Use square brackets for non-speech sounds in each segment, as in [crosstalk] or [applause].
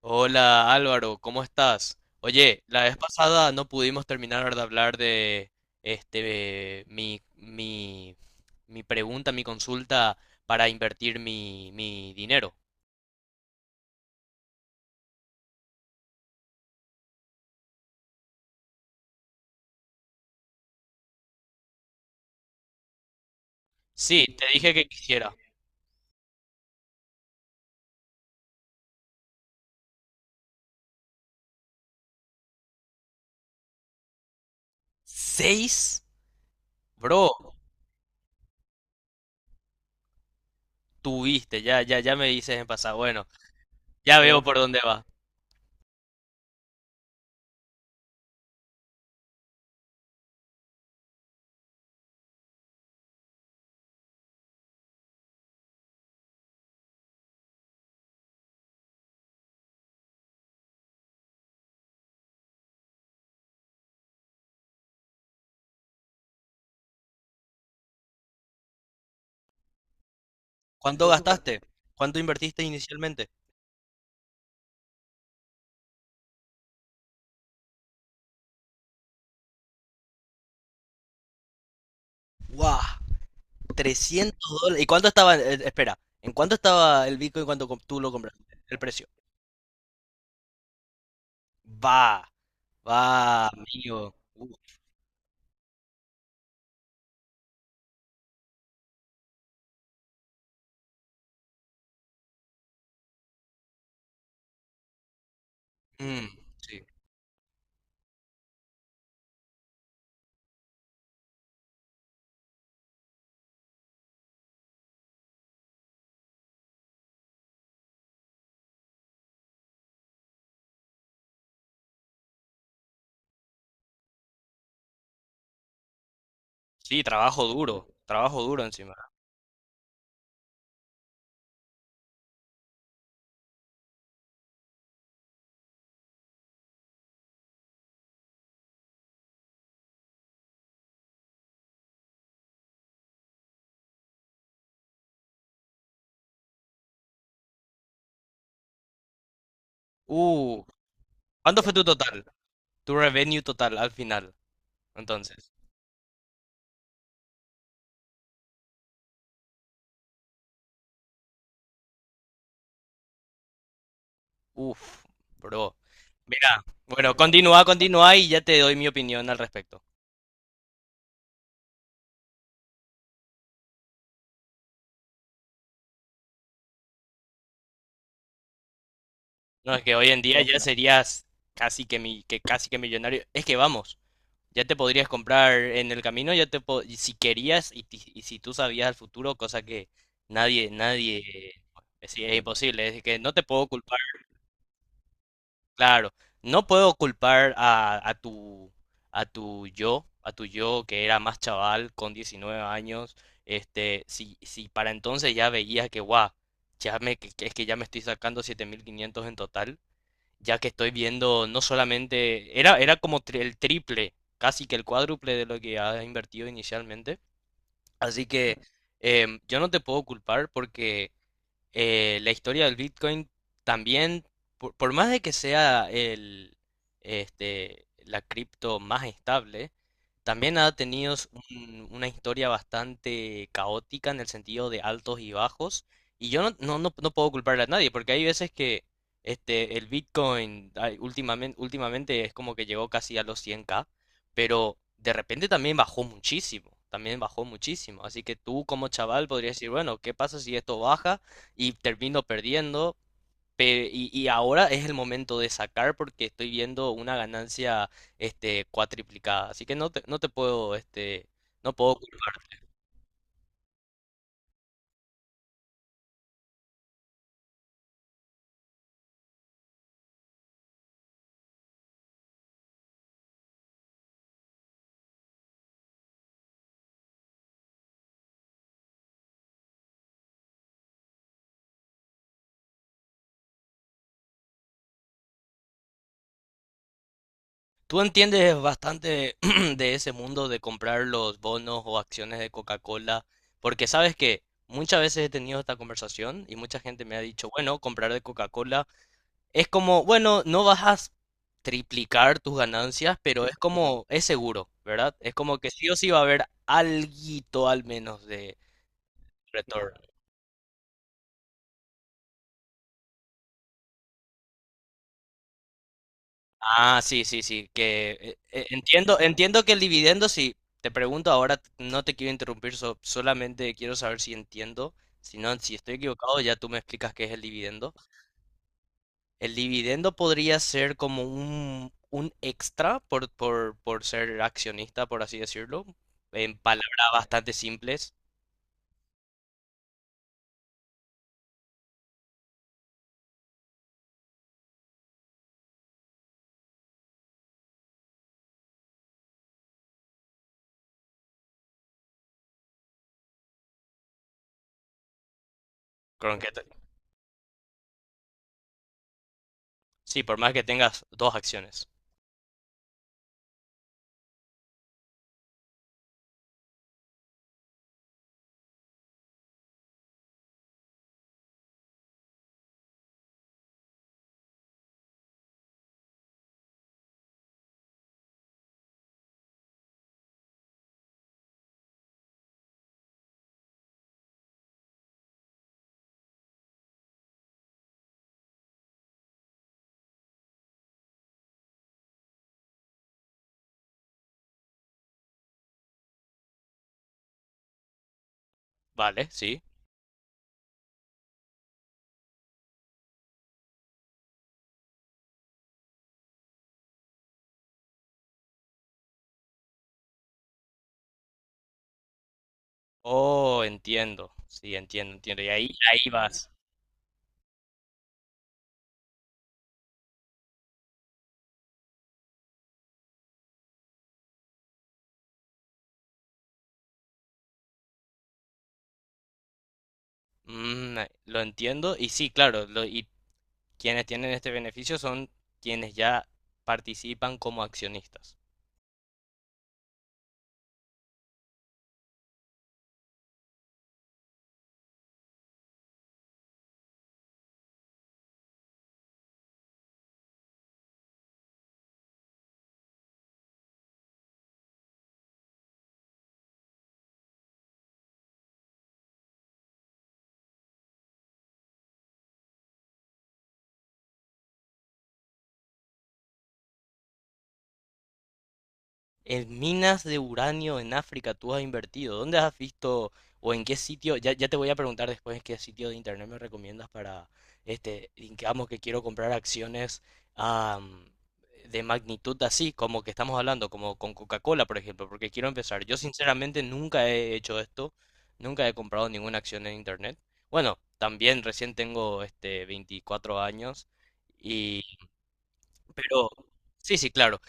Hola Álvaro, ¿cómo estás? Oye, la vez pasada no pudimos terminar de hablar de este mi, mi, mi pregunta, mi consulta para invertir mi dinero. Sí, te dije que quisiera. ¿Seis? Bro, tuviste, ya, ya, ya me dices en pasado. Bueno, ya veo por dónde va. ¿Cuánto gastaste? ¿Cuánto invertiste inicialmente? ¡Guau! Trescientos dólares. ¿Y cuánto estaba? Espera, ¿en cuánto estaba el Bitcoin tú lo compraste? El precio. Va. Va, amigo. Mm, sí. Sí, trabajo duro. Trabajo duro encima. Uh, ¿Cuánto fue tu total? Tu revenue total al final. Entonces, uff, bro. Mira, bueno, continúa, continúa y ya te doy mi opinión al respecto. No, es que hoy en día ya, ok, serías casi que millonario. Es que vamos, ya te podrías comprar en el camino, y si querías y si tú sabías el futuro, cosa que nadie, sí, es imposible, es que no te puedo culpar. Claro, no puedo culpar a tu a tu yo que era más chaval con 19 años, si para entonces ya veía que guau, ya me que es que ya me estoy sacando 7.500 en total, ya que estoy viendo, no solamente era, el triple, casi que el cuádruple de lo que has invertido inicialmente, así que yo no te puedo culpar porque la historia del Bitcoin también, por más de que sea la cripto más estable, también ha tenido una historia bastante caótica en el sentido de altos y bajos. Y yo no puedo culparle a nadie, porque hay veces que el Bitcoin últimamente es como que llegó casi a los 100k, pero de repente también bajó muchísimo, también bajó muchísimo. Así que tú como chaval podrías decir, bueno, ¿qué pasa si esto baja y termino perdiendo? Y ahora es el momento de sacar porque estoy viendo una ganancia cuatriplicada. Así que no te puedo, no puedo culparte. Tú entiendes bastante [clears throat] de ese mundo de comprar los bonos o acciones de Coca-Cola, porque sabes que muchas veces he tenido esta conversación y mucha gente me ha dicho, bueno, comprar de Coca-Cola es como, bueno, no triplicar tus ganancias, pero es como, es seguro, ¿verdad? Es como que sí o sí va a haber alguito al menos de retorno. Ah, que entiendo, entiendo que el dividendo, sí, te pregunto ahora, no te quiero interrumpir, solamente quiero saber si entiendo, si no, si estoy equivocado, ya tú me explicas qué es el dividendo. El dividendo podría ser como un extra por ser accionista, por así decirlo, en palabras bastante simples. Con que te- sí, por más que tengas dos acciones. Vale, sí. Oh, entiendo. Sí, entiendo, entiendo. Y ahí, ahí vas. Mm, lo entiendo. Y sí, claro. Y quienes tienen este beneficio son quienes ya participan como accionistas. En minas de uranio en África tú has invertido. ¿Dónde has visto o en qué sitio? Ya, ya te voy a preguntar después en qué sitio de internet me recomiendas para, digamos que quiero comprar acciones, am, de magnitud así, como que estamos hablando, como con Coca-Cola, por ejemplo, porque quiero empezar. Yo sinceramente nunca he hecho esto, nunca he comprado ninguna acción en internet. Bueno, también recién tengo 24 años y, pero sí, sí, claro.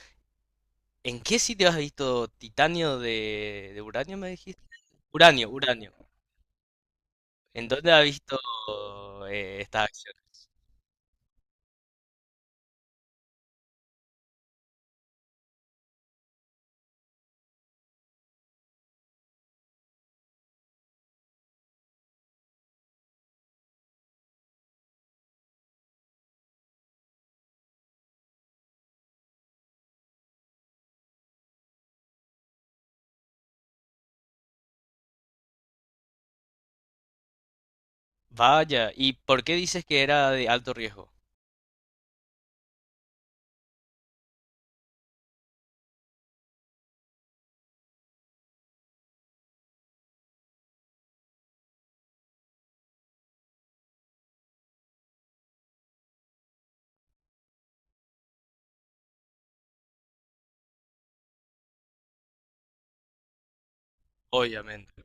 ¿En qué sitio has visto titanio de uranio, me dijiste? Uranio, uranio. ¿En dónde has visto esta acción? Vaya, ¿y por qué dices que era de alto riesgo? Obviamente.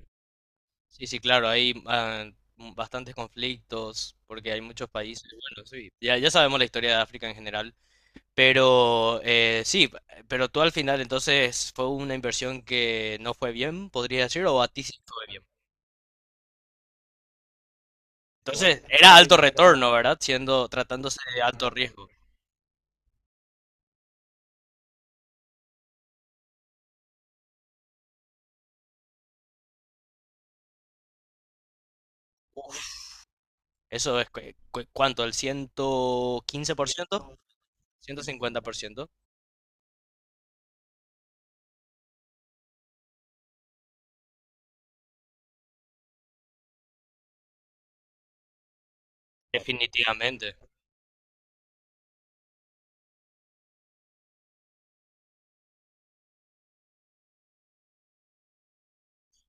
Sí, sí, claro, hay bastantes conflictos porque hay muchos países. Bueno, sí, ya, ya sabemos la historia de África en general, pero sí, pero tú al final entonces fue una inversión que no fue bien, podría decir, o a ti sí fue. Entonces, era alto retorno, ¿verdad? Siendo, tratándose de alto riesgo. Uf, eso es, ¿cuánto? ¿El ciento quince por ciento? ¿Ciento cincuenta por ciento? Definitivamente.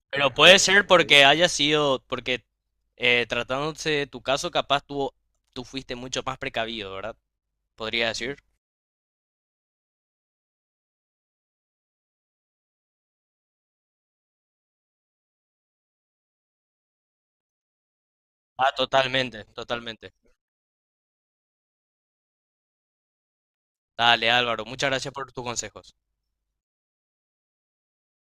Pero puede ser porque haya sido, porque tratándose de tu caso, tú fuiste mucho más precavido, ¿verdad? Podría decir. Ah, totalmente, totalmente. Dale, Álvaro, muchas gracias por tus consejos.